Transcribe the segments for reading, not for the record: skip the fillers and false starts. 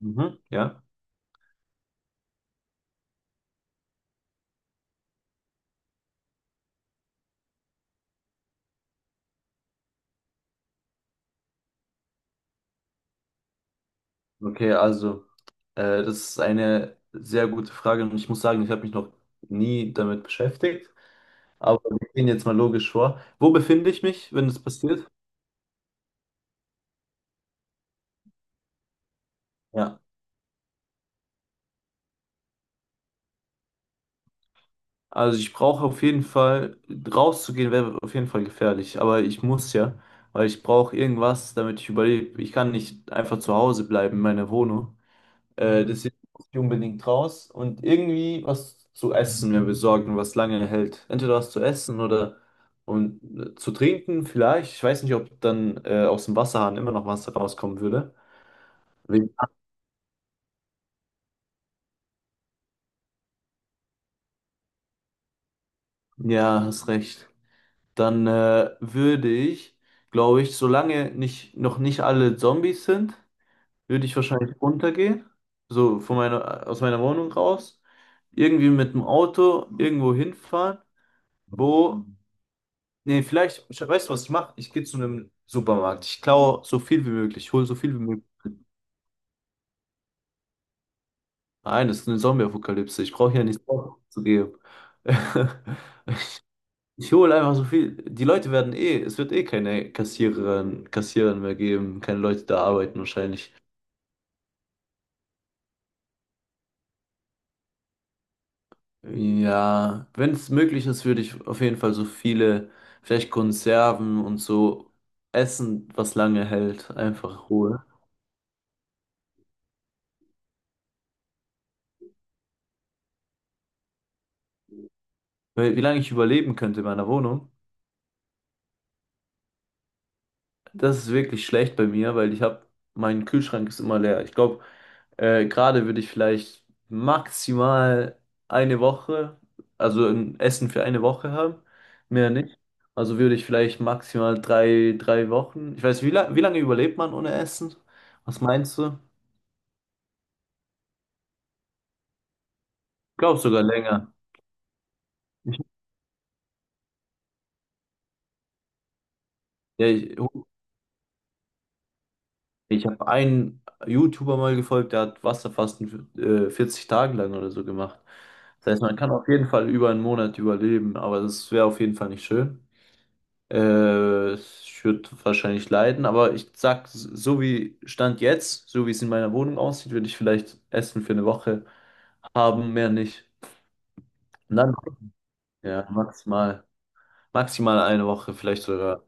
Mhm, ja. Okay, also, das ist eine sehr gute Frage und ich muss sagen, ich habe mich noch nie damit beschäftigt, aber wir gehen jetzt mal logisch vor. Wo befinde ich mich, wenn das passiert? Ja. Also ich brauche auf jeden Fall, rauszugehen wäre auf jeden Fall gefährlich, aber ich muss ja, weil ich brauche irgendwas, damit ich überlebe. Ich kann nicht einfach zu Hause bleiben in meiner Wohnung. Mhm. Deswegen muss ich unbedingt raus und irgendwie was zu essen mir besorgen, was lange hält. Entweder was zu essen oder und zu trinken vielleicht. Ich weiß nicht, ob dann aus dem Wasserhahn immer noch Wasser rauskommen würde. Wegen- Ja, hast recht. Dann würde ich, glaube ich, solange nicht, noch nicht alle Zombies sind, würde ich wahrscheinlich runtergehen. So von meiner, aus meiner Wohnung raus. Irgendwie mit dem Auto irgendwo hinfahren, wo nee, vielleicht, ich, weißt du, was ich mache? Ich gehe zu einem Supermarkt. Ich klaue so viel wie möglich. Ich hole so viel wie möglich. Nein, das ist eine Zombie-Apokalypse. Ich brauche ja nichts zu geben. Ich hole einfach so viel. Die Leute werden eh, es wird eh keine Kassiererin, Kassierer mehr geben, keine Leute da arbeiten wahrscheinlich. Ja, wenn es möglich ist, würde ich auf jeden Fall so viele, vielleicht Konserven und so Essen, was lange hält, einfach holen. Weil, wie lange ich überleben könnte in meiner Wohnung. Das ist wirklich schlecht bei mir, weil ich habe, mein Kühlschrank ist immer leer. Ich glaube, gerade würde ich vielleicht maximal eine Woche, also ein Essen für eine Woche haben, mehr nicht. Also würde ich vielleicht maximal drei Wochen. Ich weiß, wie, la wie lange überlebt man ohne Essen? Was meinst du? Ich glaube sogar länger. Ich, ja, ich, Ich habe einen YouTuber mal gefolgt, der hat Wasserfasten 40 Tage lang oder so gemacht. Das heißt, man kann auf jeden Fall über einen Monat überleben, aber das wäre auf jeden Fall nicht schön. Ich würde wahrscheinlich leiden, aber ich sag, so wie Stand jetzt, so wie es in meiner Wohnung aussieht, würde ich vielleicht Essen für eine Woche haben, mehr nicht. Und dann, ja, maximal, maximal eine Woche, vielleicht sogar.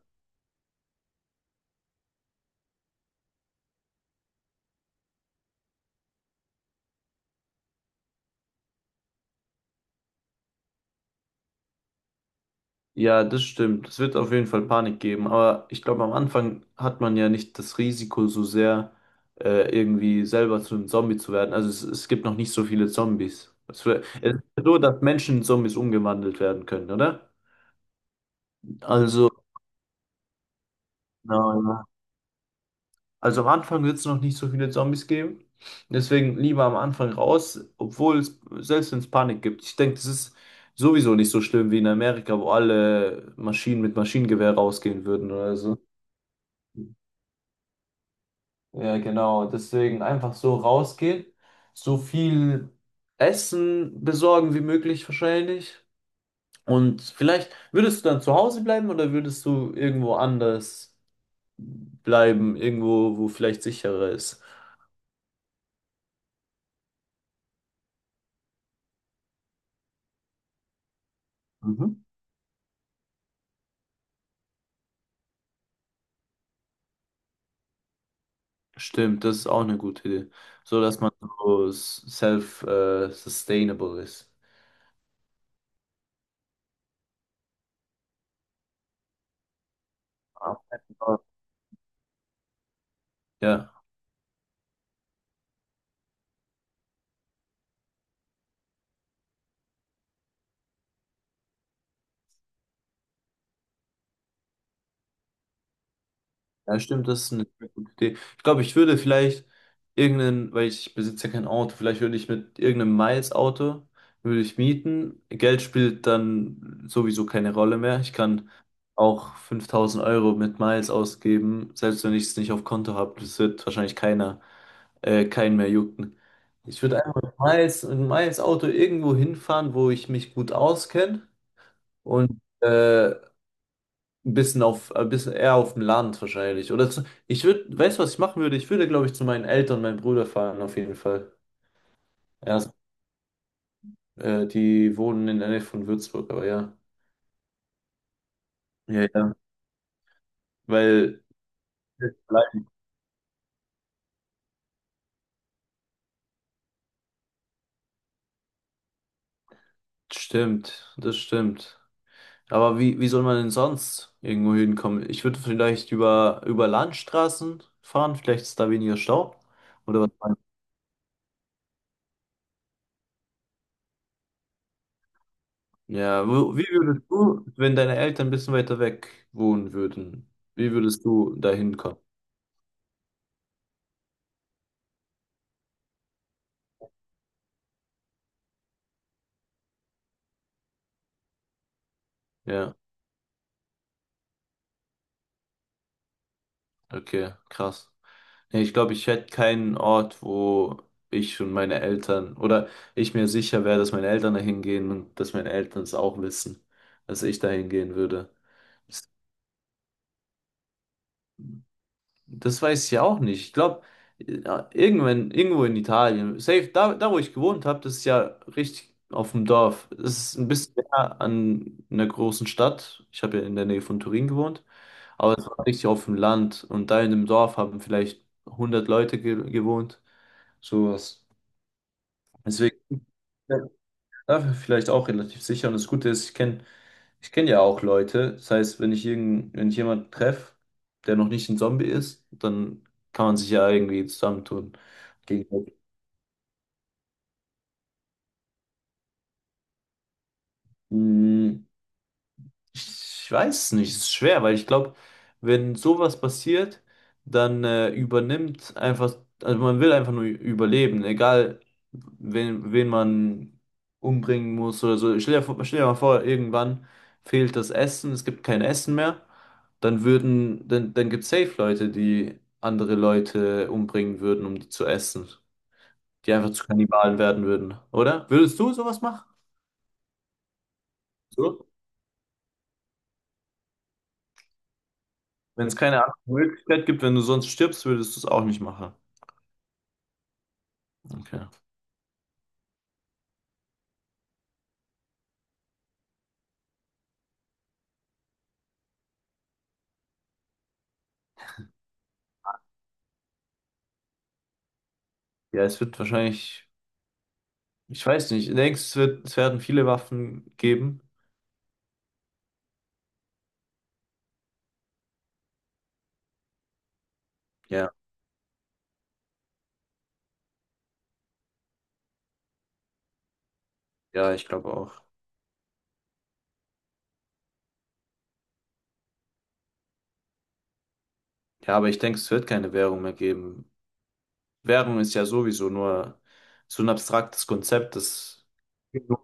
Ja, das stimmt. Es wird auf jeden Fall Panik geben, aber ich glaube, am Anfang hat man ja nicht das Risiko so sehr, irgendwie selber zu einem Zombie zu werden. Also es gibt noch nicht so viele Zombies. Es wär, es ist ja so, dass Menschen in Zombies umgewandelt werden können, oder? Also, na, ja. Also am Anfang wird es noch nicht so viele Zombies geben. Deswegen lieber am Anfang raus, obwohl es, selbst wenn es Panik gibt. Ich denke, das ist sowieso nicht so schlimm wie in Amerika, wo alle Maschinen mit Maschinengewehr rausgehen würden oder so. Ja, genau. Deswegen einfach so rausgehen, so viel Essen besorgen wie möglich wahrscheinlich. Und vielleicht würdest du dann zu Hause bleiben oder würdest du irgendwo anders bleiben, irgendwo, wo vielleicht sicherer ist? Mhm. Stimmt, das ist auch eine gute Idee. So dass man so self, sustainable ist. Ah, ja. Ja, stimmt, das ist eine sehr gute Idee. Ich glaube, ich würde vielleicht irgendeinen, weil ich besitze ja kein Auto, vielleicht würde ich mit irgendeinem Miles-Auto, würde ich mieten. Geld spielt dann sowieso keine Rolle mehr. Ich kann auch 5.000 € mit Miles ausgeben, selbst wenn ich es nicht auf Konto habe. Das wird wahrscheinlich keiner, keinen mehr jucken. Ich würde einfach mit Miles, mit Miles-Auto irgendwo hinfahren, wo ich mich gut auskenne und ein bisschen auf, ein bisschen eher auf dem Land wahrscheinlich. Oder zu, ich würde, weißt du, was ich machen würde? Ich würde, glaube ich, zu meinen Eltern und meinem Bruder fahren, auf jeden Fall. Ja, die wohnen in der Nähe von Würzburg, aber ja. Ja, ja. Weil, stimmt, das stimmt. Aber wie, wie soll man denn sonst irgendwo hinkommen? Ich würde vielleicht über, über Landstraßen fahren, vielleicht ist da weniger Stau. Oder was meinst du? Ja, wo, wie würdest du, wenn deine Eltern ein bisschen weiter weg wohnen würden, wie würdest du da hinkommen? Ja. Okay, krass. Nee, ich glaube, ich hätte keinen Ort, wo ich und meine Eltern oder ich mir sicher wäre, dass meine Eltern da hingehen und dass meine Eltern es auch wissen, dass ich da hingehen würde. Das, das weiß ich ja auch nicht. Ich glaube, irgendwann, irgendwo in Italien, safe, da, da wo ich gewohnt habe, das ist ja richtig auf dem Dorf. Das ist ein bisschen näher an einer großen Stadt. Ich habe ja in der Nähe von Turin gewohnt, aber es war richtig auf dem Land und da in dem Dorf haben vielleicht 100 Leute ge gewohnt. Sowas. Deswegen ja, dafür vielleicht auch relativ sicher. Und das Gute ist, ich kenn ja auch Leute. Das heißt, wenn ich irgend, wenn ich jemanden treffe, der noch nicht ein Zombie ist, dann kann man sich ja irgendwie zusammentun. Gegenseitig. Ich weiß nicht, ist schwer, weil ich glaube, wenn sowas passiert, dann übernimmt einfach, also man will einfach nur überleben, egal wen, wen man umbringen muss oder so. Stell dir mal vor, irgendwann fehlt das Essen, es gibt kein Essen mehr, dann würden, dann, dann gibt es safe Leute, die andere Leute umbringen würden, um die zu essen, die einfach zu Kannibalen werden würden, oder? Würdest du sowas machen? So? Wenn es keine andere Möglichkeit gibt, wenn du sonst stirbst, würdest du es auch nicht machen. Okay. Ja, es wird wahrscheinlich, ich weiß nicht, ich denke, es wird, es werden viele Waffen geben. Ja, ja, ich glaube auch. Ja, aber ich denke, es wird keine Währung mehr geben. Währung ist ja sowieso nur so ein abstraktes Konzept, das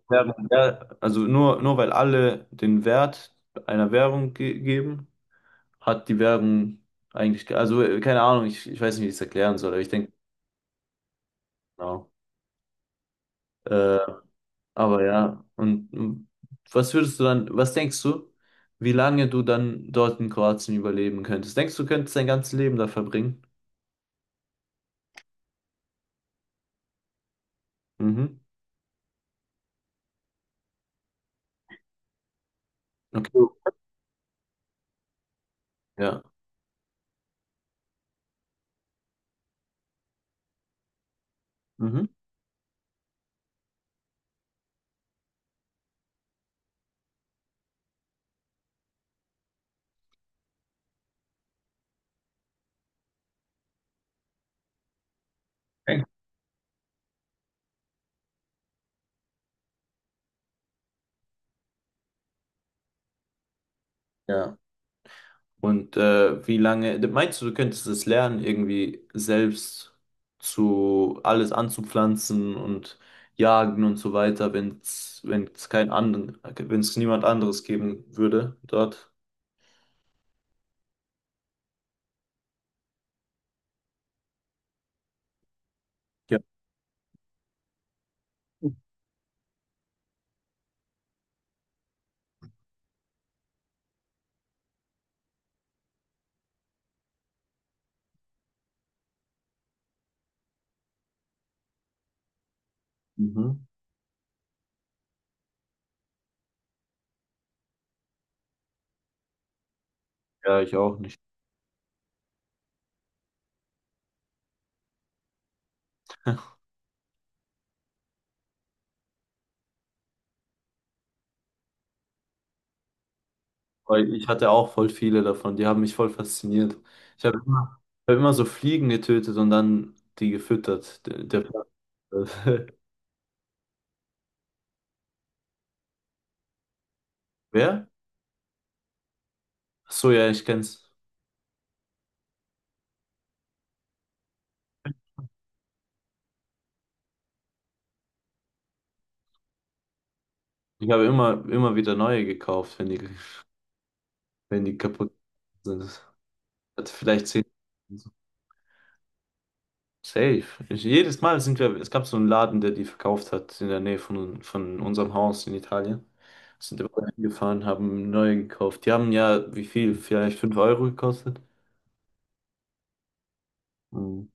Währung, ja, also nur, nur weil alle den Wert einer Währung ge geben, hat die Währung eigentlich, also keine Ahnung, ich weiß nicht, wie ich es erklären soll, aber ich denke, genau. Äh, aber ja, und mm, was würdest du dann, was denkst du, wie lange du dann dort in Kroatien überleben könntest? Denkst du, könntest dein ganzes Leben da verbringen? Mhm. Okay. Ja. Mhm. Okay. Ja. Und wie lange, meinst du, du könntest es lernen, irgendwie selbst zu alles anzupflanzen und jagen und so weiter, wenn es wenn es kein anderen, wenn es niemand anderes geben würde dort? Ja. Mhm. Ja, ich auch nicht. Weil ich hatte auch voll viele davon. Die haben mich voll fasziniert. Ich habe immer, ich hab immer so Fliegen getötet und dann die gefüttert. Der, der, wer? Ach so, ja, ich kenn's. Ich habe immer, immer wieder neue gekauft, wenn die, wenn die kaputt sind. Ich hatte vielleicht 10. Safe. Ich, jedes Mal sind wir, es gab so einen Laden, der die verkauft hat in der Nähe von unserem Haus in Italien. Sind wir hingefahren, haben neue gekauft. Die haben ja, wie viel? Vielleicht 5 € gekostet. Mhm.